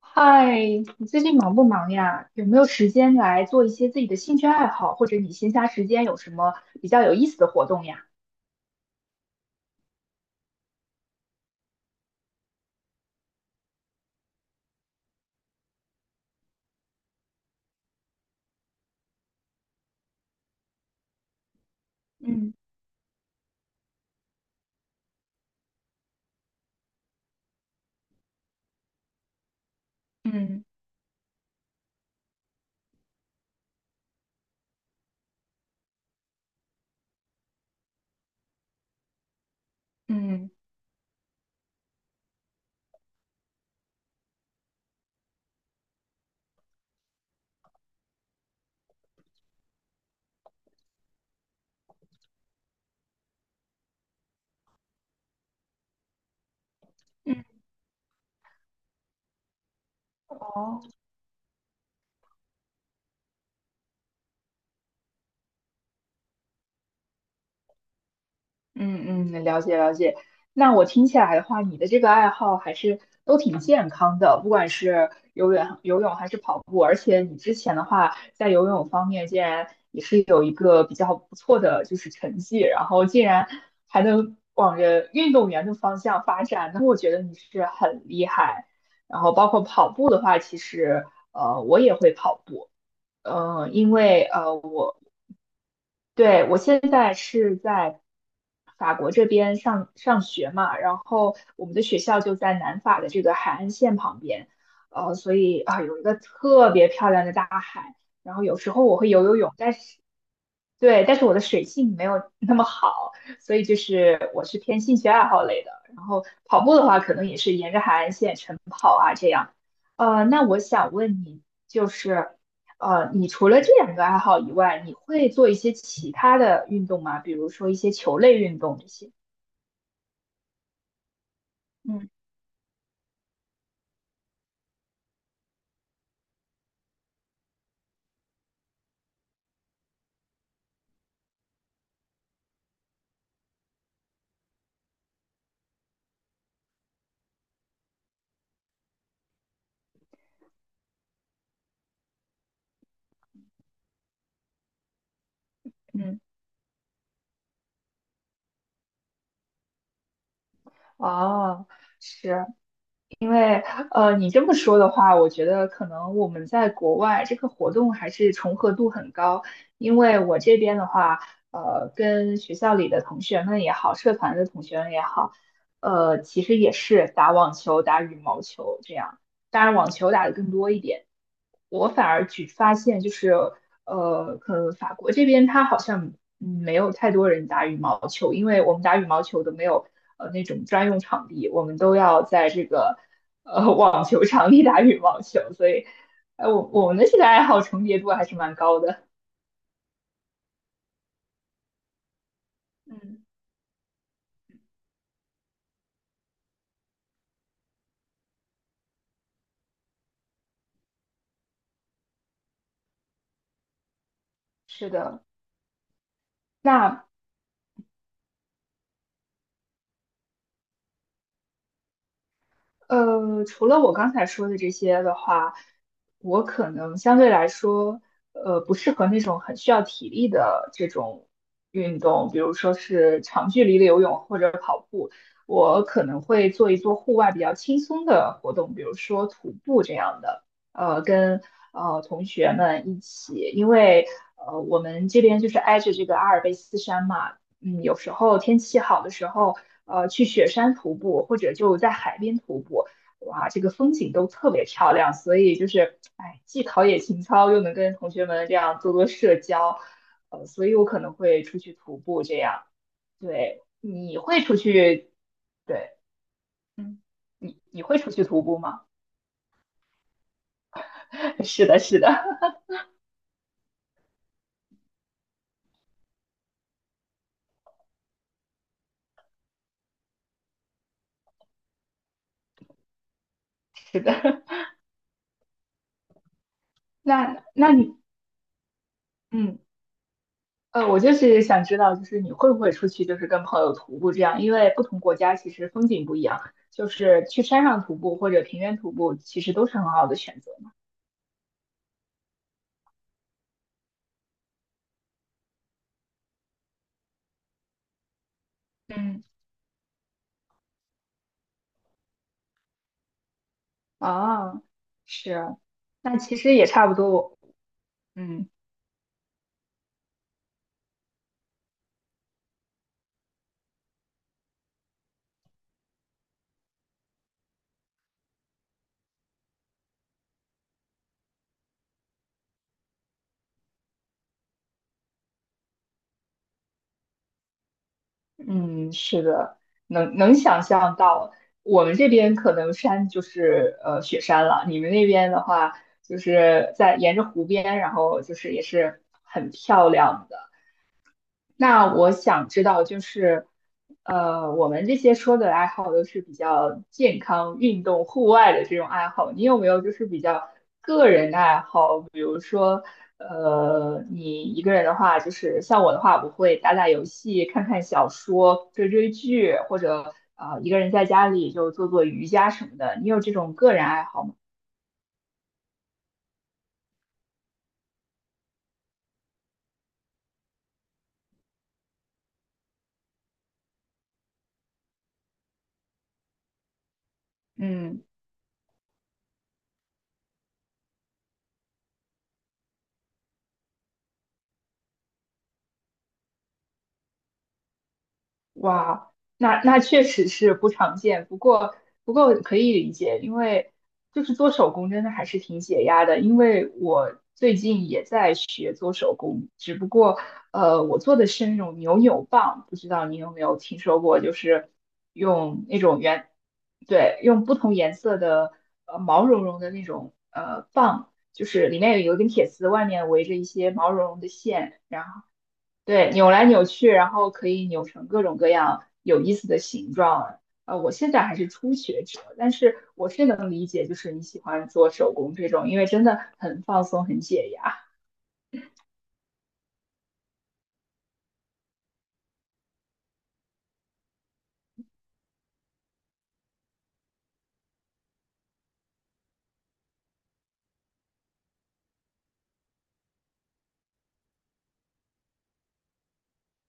嗨，你最近忙不忙呀？有没有时间来做一些自己的兴趣爱好，或者你闲暇时间有什么比较有意思的活动呀？嗯嗯嗯嗯，嗯嗯，了解了解。那我听起来的话，你的这个爱好还是都挺健康的，不管是游泳还是跑步，而且你之前的话，在游泳方面竟然也是有一个比较不错的就是成绩，然后竟然还能往着运动员的方向发展，那我觉得你是很厉害。然后包括跑步的话，其实我也会跑步，嗯、因为我。对，我现在是在法国这边上学嘛，然后我们的学校就在南法的这个海岸线旁边，所以啊，有一个特别漂亮的大海，然后有时候我会游游泳，但是对，但是我的水性没有 那么好，所以就是我是偏兴趣爱好类的，然后跑步的话，可能也是沿着海岸线。那我想问你，就是，你除了这两个爱好以外，你会做一些其他的运动吗？比如说一些球类运动这些？嗯嗯。哦，是，因为你这么说的话，我觉得可能我们在国外这个活动还是重合度很高。因为我这边的话，跟学校里的同学们也好，社团的同学们也好，其实也是打网球、打羽毛球这样。当然，网球打得更多一点。我反而举发现就是，可能法国这边它好像嗯没有太多人打羽毛球，因为我们打羽毛球都没有那种专用场地，我们都要在这个网球场里打羽毛球，所以，我们的这个爱好重叠度还是蛮高的。嗯，是的，那除了我刚才说的这些的话，我可能相对来说，不适合那种很需要体力的这种运动，比如说是长距离的游泳或者跑步。我可能会做一做户外比较轻松的活动，比如说徒步这样的，跟同学们一起，因为我们这边就是挨着这个阿尔卑斯山嘛。嗯，有时候天气好的时候，去雪山徒步或者就在海边徒步，哇，这个风景都特别漂亮。所以就是，哎，既陶冶情操，又能跟同学们这样做做社交，所以我可能会出去徒步这样。对，你会出去，对，嗯，你你会出去徒步吗？是的，是的，是的。那那你，嗯。我就是想知道，就是你会不会出去，就是跟朋友徒步这样？因为不同国家其实风景不一样，就是去山上徒步或者平原徒步，其实都是很好的选择。嗯啊，是，那其实也差不多。嗯嗯，是的，能能想象到，我们这边可能山就是雪山了，你们那边的话就是在沿着湖边，然后就是也是很漂亮的。那我想知道，就是，我们这些说的爱好都是比较健康、运动、户外的这种爱好，你有没有就是比较个人的爱好？比如说，你一个人的话，就是像我的话，我会打打游戏、看看小说、追追剧，或者一个人在家里就做做瑜伽什么的。你有这种个人爱好吗？嗯哇，那那确实是不常见，不过不过可以理解，因为就是做手工真的还是挺解压的。因为我最近也在学做手工，只不过我做的是那种扭扭棒，不知道你有没有听说过？就是用那种圆，对，用不同颜色的毛茸茸的那种棒，就是里面有一根铁丝，外面围着一些毛茸茸的线。然后。对，扭来扭去，然后可以扭成各种各样有意思的形状。我现在还是初学者，但是我是能理解，就是你喜欢做手工这种，因为真的很放松，很解压。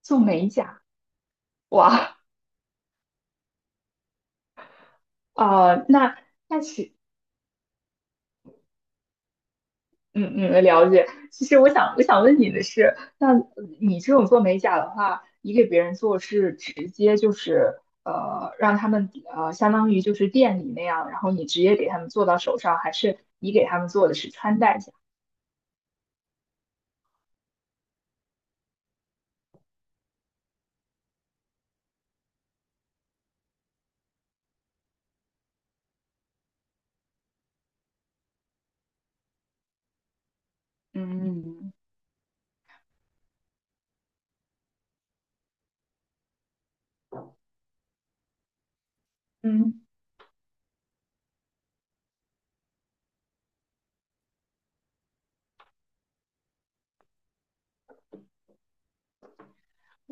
做美甲，哇，哦，那那其嗯嗯，了解。其实我想问你的是，那你这种做美甲的话，你给别人做是直接就是让他们相当于就是店里那样，然后你直接给他们做到手上，还是你给他们做的是穿戴甲？嗯嗯。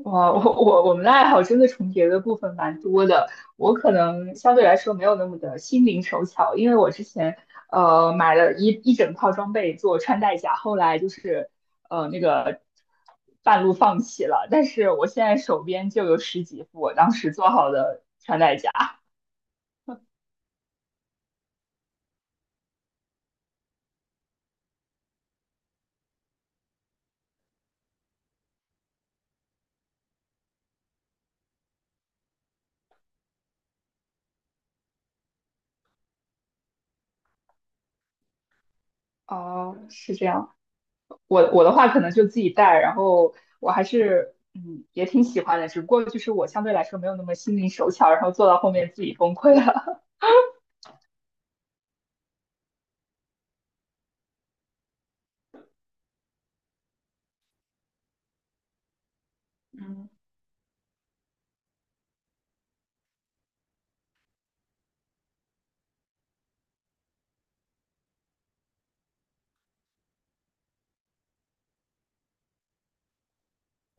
哇，我们的爱好真的重叠的部分蛮多的。我可能相对来说没有那么的心灵手巧，因为我之前买了一整套装备做穿戴甲，后来就是呃那个半路放弃了。但是我现在手边就有十几副我当时做好的穿戴甲。哦，是这样。我我的话可能就自己带，然后我还是嗯也挺喜欢的，只不过就是我相对来说没有那么心灵手巧，然后做到后面自己崩溃了。嗯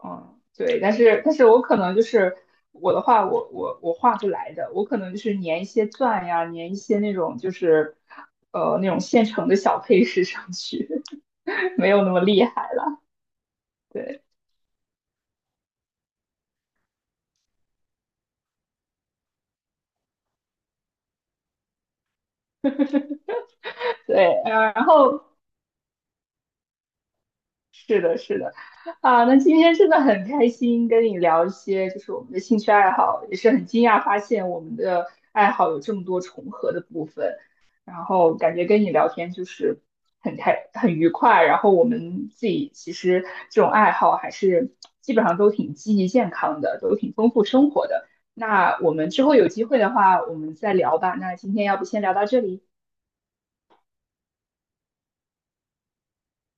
嗯，对，但是我可能就是我的话，我画不来的，我可能就是粘一些钻呀，粘一些那种就是那种现成的小配饰上去，没有那么厉害了。对对，然后是的，是的，啊，那今天真的很开心跟你聊一些，就是我们的兴趣爱好，也是很惊讶发现我们的爱好有这么多重合的部分，然后感觉跟你聊天就是很开很愉快，然后我们自己其实这种爱好还是基本上都挺积极健康的，都挺丰富生活的。那我们之后有机会的话，我们再聊吧。那今天要不先聊到这里，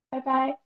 拜拜。